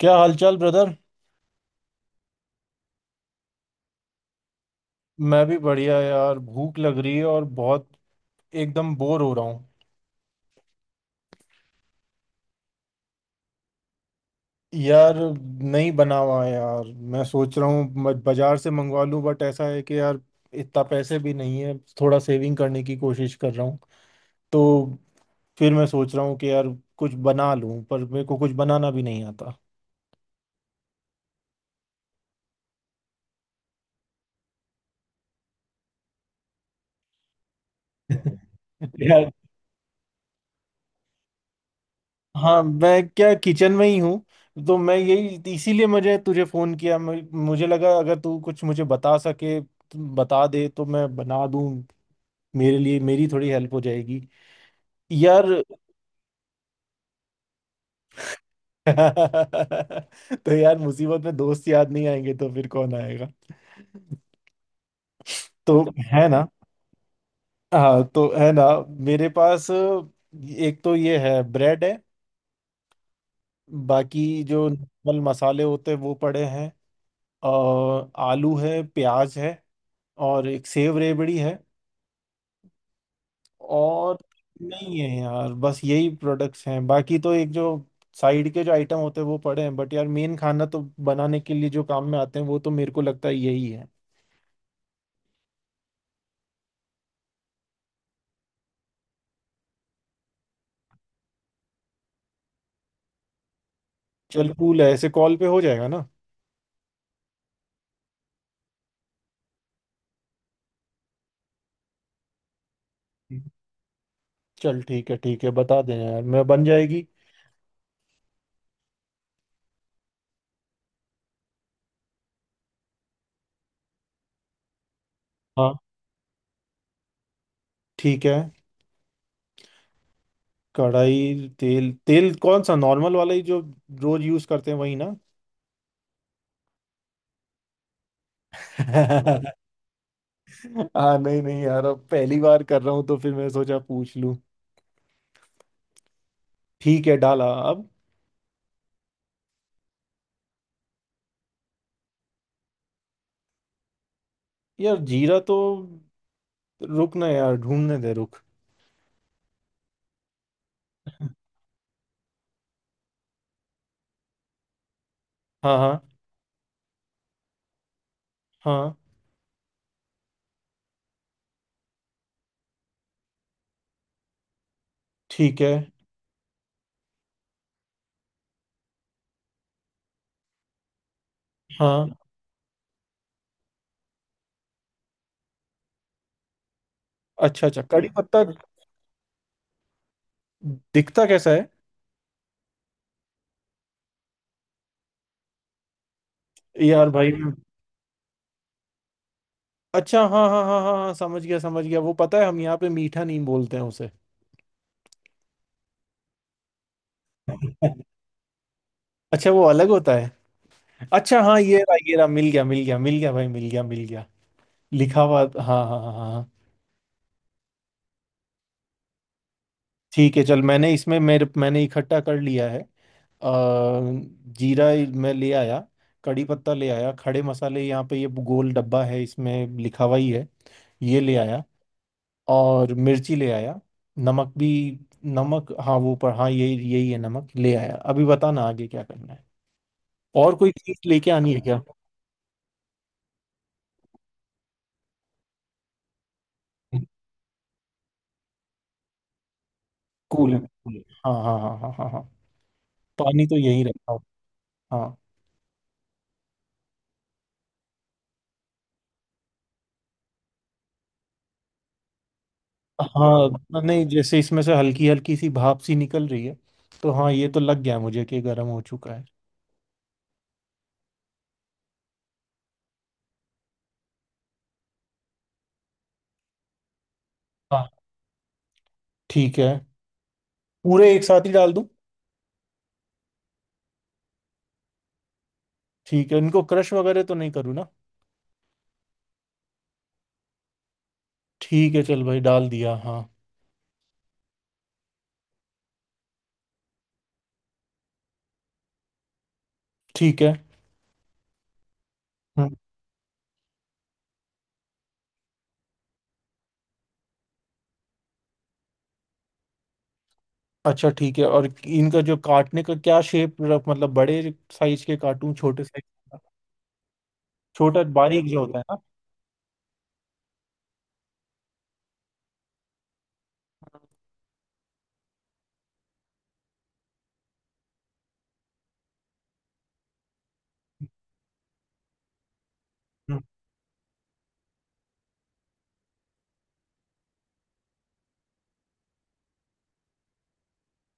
क्या हालचाल ब्रदर। मैं भी बढ़िया यार, भूख लग रही है और बहुत एकदम बोर हो रहा हूँ। यार नहीं बना हुआ है यार। मैं सोच रहा हूँ बाजार से मंगवा लूँ, बट ऐसा है कि यार इतना पैसे भी नहीं है, थोड़ा सेविंग करने की कोशिश कर रहा हूँ। तो फिर मैं सोच रहा हूँ कि यार कुछ बना लूँ, पर मेरे को कुछ बनाना भी नहीं आता। यार। हाँ, मैं क्या किचन में ही हूँ, तो मैं यही इसीलिए मुझे तुझे फोन किया, मुझे लगा अगर तू कुछ मुझे बता सके, तू बता दे तो मैं बना दूं, मेरे लिए मेरी थोड़ी हेल्प हो जाएगी यार। तो यार मुसीबत में दोस्त याद नहीं आएंगे तो फिर कौन आएगा। तो है ना। हाँ, तो है ना। मेरे पास एक तो ये है, ब्रेड है, बाकी जो नॉर्मल मसाले होते हैं वो पड़े हैं, और आलू है, प्याज है, और एक सेव रेबड़ी है, और नहीं है यार, बस यही प्रोडक्ट्स हैं, बाकी तो एक जो साइड के जो आइटम होते हैं वो पड़े हैं, बट यार मेन खाना तो बनाने के लिए जो काम में आते हैं वो तो मेरे को लगता है यही है। चल कूल है, ऐसे कॉल पे हो जाएगा ना। चल ठीक है, ठीक है, बता देना यार, मैं बन जाएगी। हाँ, ठीक है। कढ़ाई, तेल तेल कौन सा, नॉर्मल वाला ही जो रोज यूज करते हैं वही ना? हाँ, नहीं नहीं यार, अब पहली बार कर रहा हूँ तो फिर मैं सोचा पूछ लूँ। ठीक है, डाला अब। यार जीरा तो, रुक ना यार, ढूंढने दे, रुक। हाँ हाँ हाँ। ठीक है। हाँ। अच्छा अच्छा, कड़ी पत्ता दिखता कैसा है? यार भाई अच्छा, हाँ हाँ हाँ हाँ हाँ, समझ गया, समझ गया, वो पता है, हम यहाँ पे मीठा नीम बोलते हैं उसे। अच्छा, वो अलग होता है। अच्छा हाँ, ये रहा ये रहा, मिल गया मिल गया मिल गया भाई, मिल गया मिल गया। लिखा हुआ हाँ। हाँ हाँ हाँ हाँ। ठीक है चल, मैंने इसमें मेरे मैंने इकट्ठा कर लिया है। अ, जीरा ही मैं ले आया, कड़ी पत्ता ले आया, खड़े मसाले यहाँ पे ये गोल डब्बा है इसमें लिखा हुआ ही है, ये ले आया, और मिर्ची ले आया, नमक भी। नमक हाँ वो पर हाँ, यही यही है, नमक ले आया। अभी बताना आगे क्या करना है, और कोई चीज लेके आनी है क्या? कूल। हाँ हाँ हाँ हाँ हाँ हाँ। पानी तो यही रखा हूँ। हाँ। हाँ नहीं, जैसे इसमें से हल्की हल्की सी भाप सी निकल रही है, तो हाँ ये तो लग गया मुझे कि गर्म हो चुका है। हाँ ठीक है, पूरे एक साथ ही डाल दूं? ठीक है, इनको क्रश वगैरह तो नहीं करूँ ना? ठीक है चल भाई, डाल दिया। हाँ। ठीक है। हम्म, अच्छा ठीक है, और इनका जो काटने का क्या शेप, मतलब बड़े साइज के काटूं, छोटे साइज? छोटा बारीक जो होता है ना। हम्म।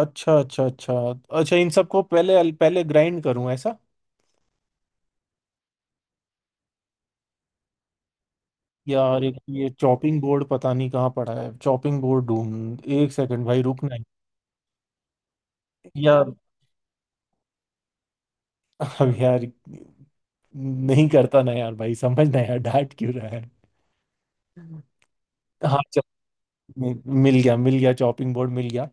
अच्छा अच्छा अच्छा, अच्छा इन सबको पहले पहले ग्राइंड करूं ऐसा? यार एक ये चॉपिंग बोर्ड पता नहीं कहाँ पड़ा है, चॉपिंग बोर्ड ढूंढ, एक सेकंड भाई, रुकना है। यार, अब यार, नहीं करता ना यार, भाई समझ ना यार, डांट क्यों रहा है। हाँ चल, मि- मिल गया मिल गया, चॉपिंग बोर्ड मिल गया।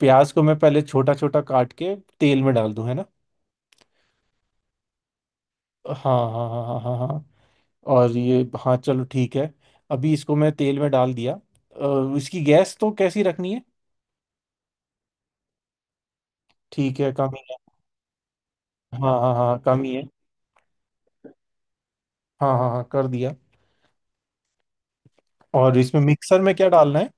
प्याज को मैं पहले छोटा छोटा काट के तेल में डाल दूं है ना? हाँ हाँ हाँ हाँ हाँ हाँ, और ये हाँ चलो ठीक है। अभी इसको मैं तेल में डाल दिया, इसकी गैस तो कैसी रखनी है? ठीक है, कम ही है। हाँ हाँ हाँ, कम ही है। हाँ हाँ हाँ, कर दिया, और इसमें मिक्सर में क्या डालना है?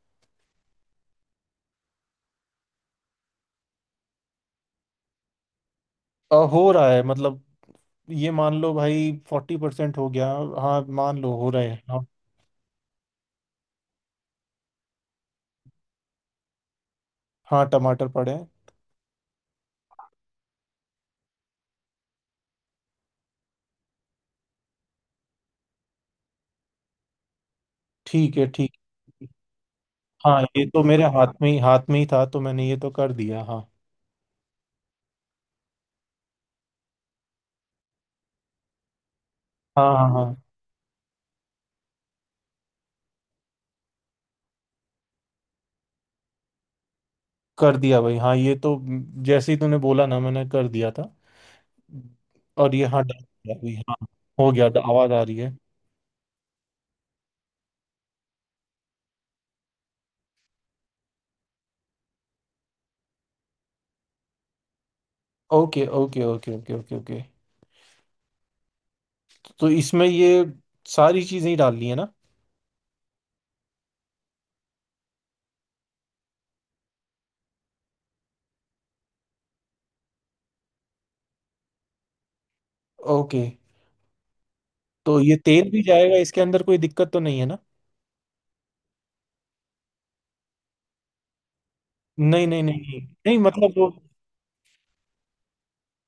हो रहा है मतलब, ये मान लो भाई 40% हो गया। हाँ मान लो, हो रहे हैं हाँ। हाँ, टमाटर पड़े हैं। ठीक है, ठीक। हाँ ये तो मेरे हाथ में ही था, तो मैंने ये तो कर दिया हाँ। हाँ हाँ हाँ, कर दिया भाई हाँ, ये तो जैसे ही तूने बोला ना मैंने कर दिया था। और ये हाँ, डन हो गया अभी, हाँ। हो गया। आवाज आ रही है। Okay okay okay okay okay okay, तो इसमें ये सारी चीजें ही डालनी है ना? ओके, तो ये तेल भी जाएगा इसके अंदर, कोई दिक्कत तो नहीं है ना? नहीं नहीं नहीं नहीं नहीं, मतलब वो,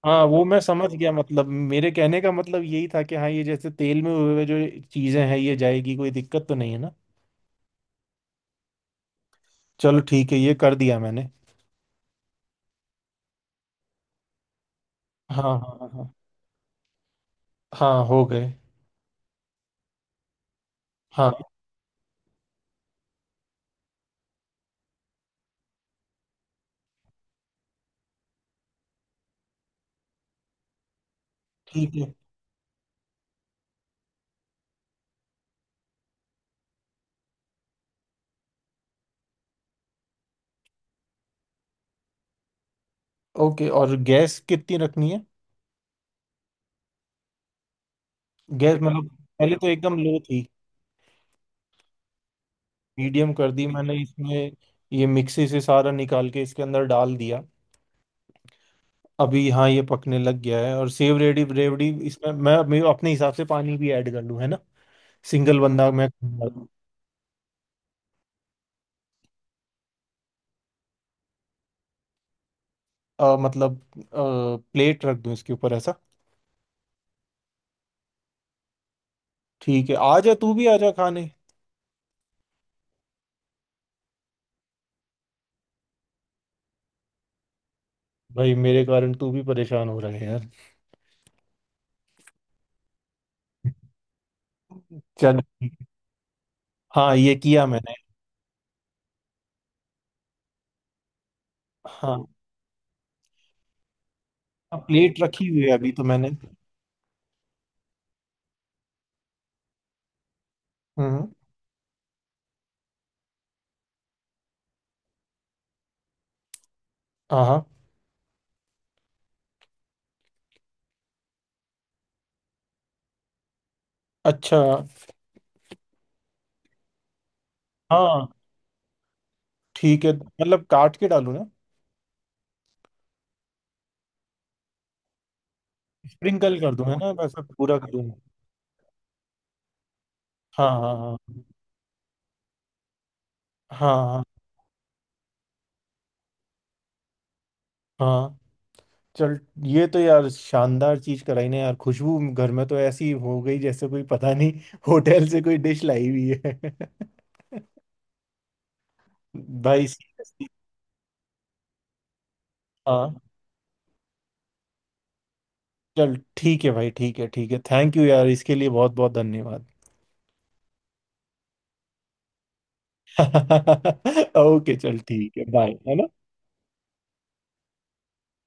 हाँ वो मैं समझ गया मतलब, मेरे कहने का मतलब यही था कि हाँ, ये जैसे तेल में हुए हुए जो चीजें हैं ये जाएगी, कोई दिक्कत तो नहीं है ना? चलो ठीक है, ये कर दिया मैंने। हाँ हाँ हाँ हाँ हाँ, हो गए। हाँ। ठीक है। ओके, और गैस कितनी रखनी है? गैस मतलब, पहले तो एकदम लो थी। मीडियम कर दी मैंने इसमें, ये मिक्सी से सारा निकाल के इसके अंदर डाल दिया। अभी हाँ, ये पकने लग गया है, और सेव रेडी रेवड़ी इसमें, मैं अपने हिसाब से पानी भी ऐड कर लूँ है ना? सिंगल बंदा मैं। मतलब प्लेट रख दूँ इसके ऊपर ऐसा? ठीक है, आ जा तू भी आ जा खाने। भाई मेरे कारण तू भी परेशान हो रहा है यार। चल। हाँ ये किया मैंने। हाँ। हाँ, प्लेट रखी हुई है अभी तो मैंने। हम्म। हाँ हाँ। अच्छा। हाँ ठीक है, मतलब काट के डालूँ ना? स्प्रिंकल कर दूँ है ना, वैसा पूरा करूँ? हाँ हाँ हाँ हाँ हाँ हाँ। चल, ये तो यार शानदार चीज कराई ना यार, खुशबू घर में तो ऐसी हो गई जैसे कोई पता नहीं, होटल से कोई डिश लाई हुई है। भाई seriously। हाँ चल ठीक है भाई, ठीक है ठीक है, थैंक यू यार, इसके लिए बहुत बहुत धन्यवाद। ओके चल ठीक है, बाय है ना।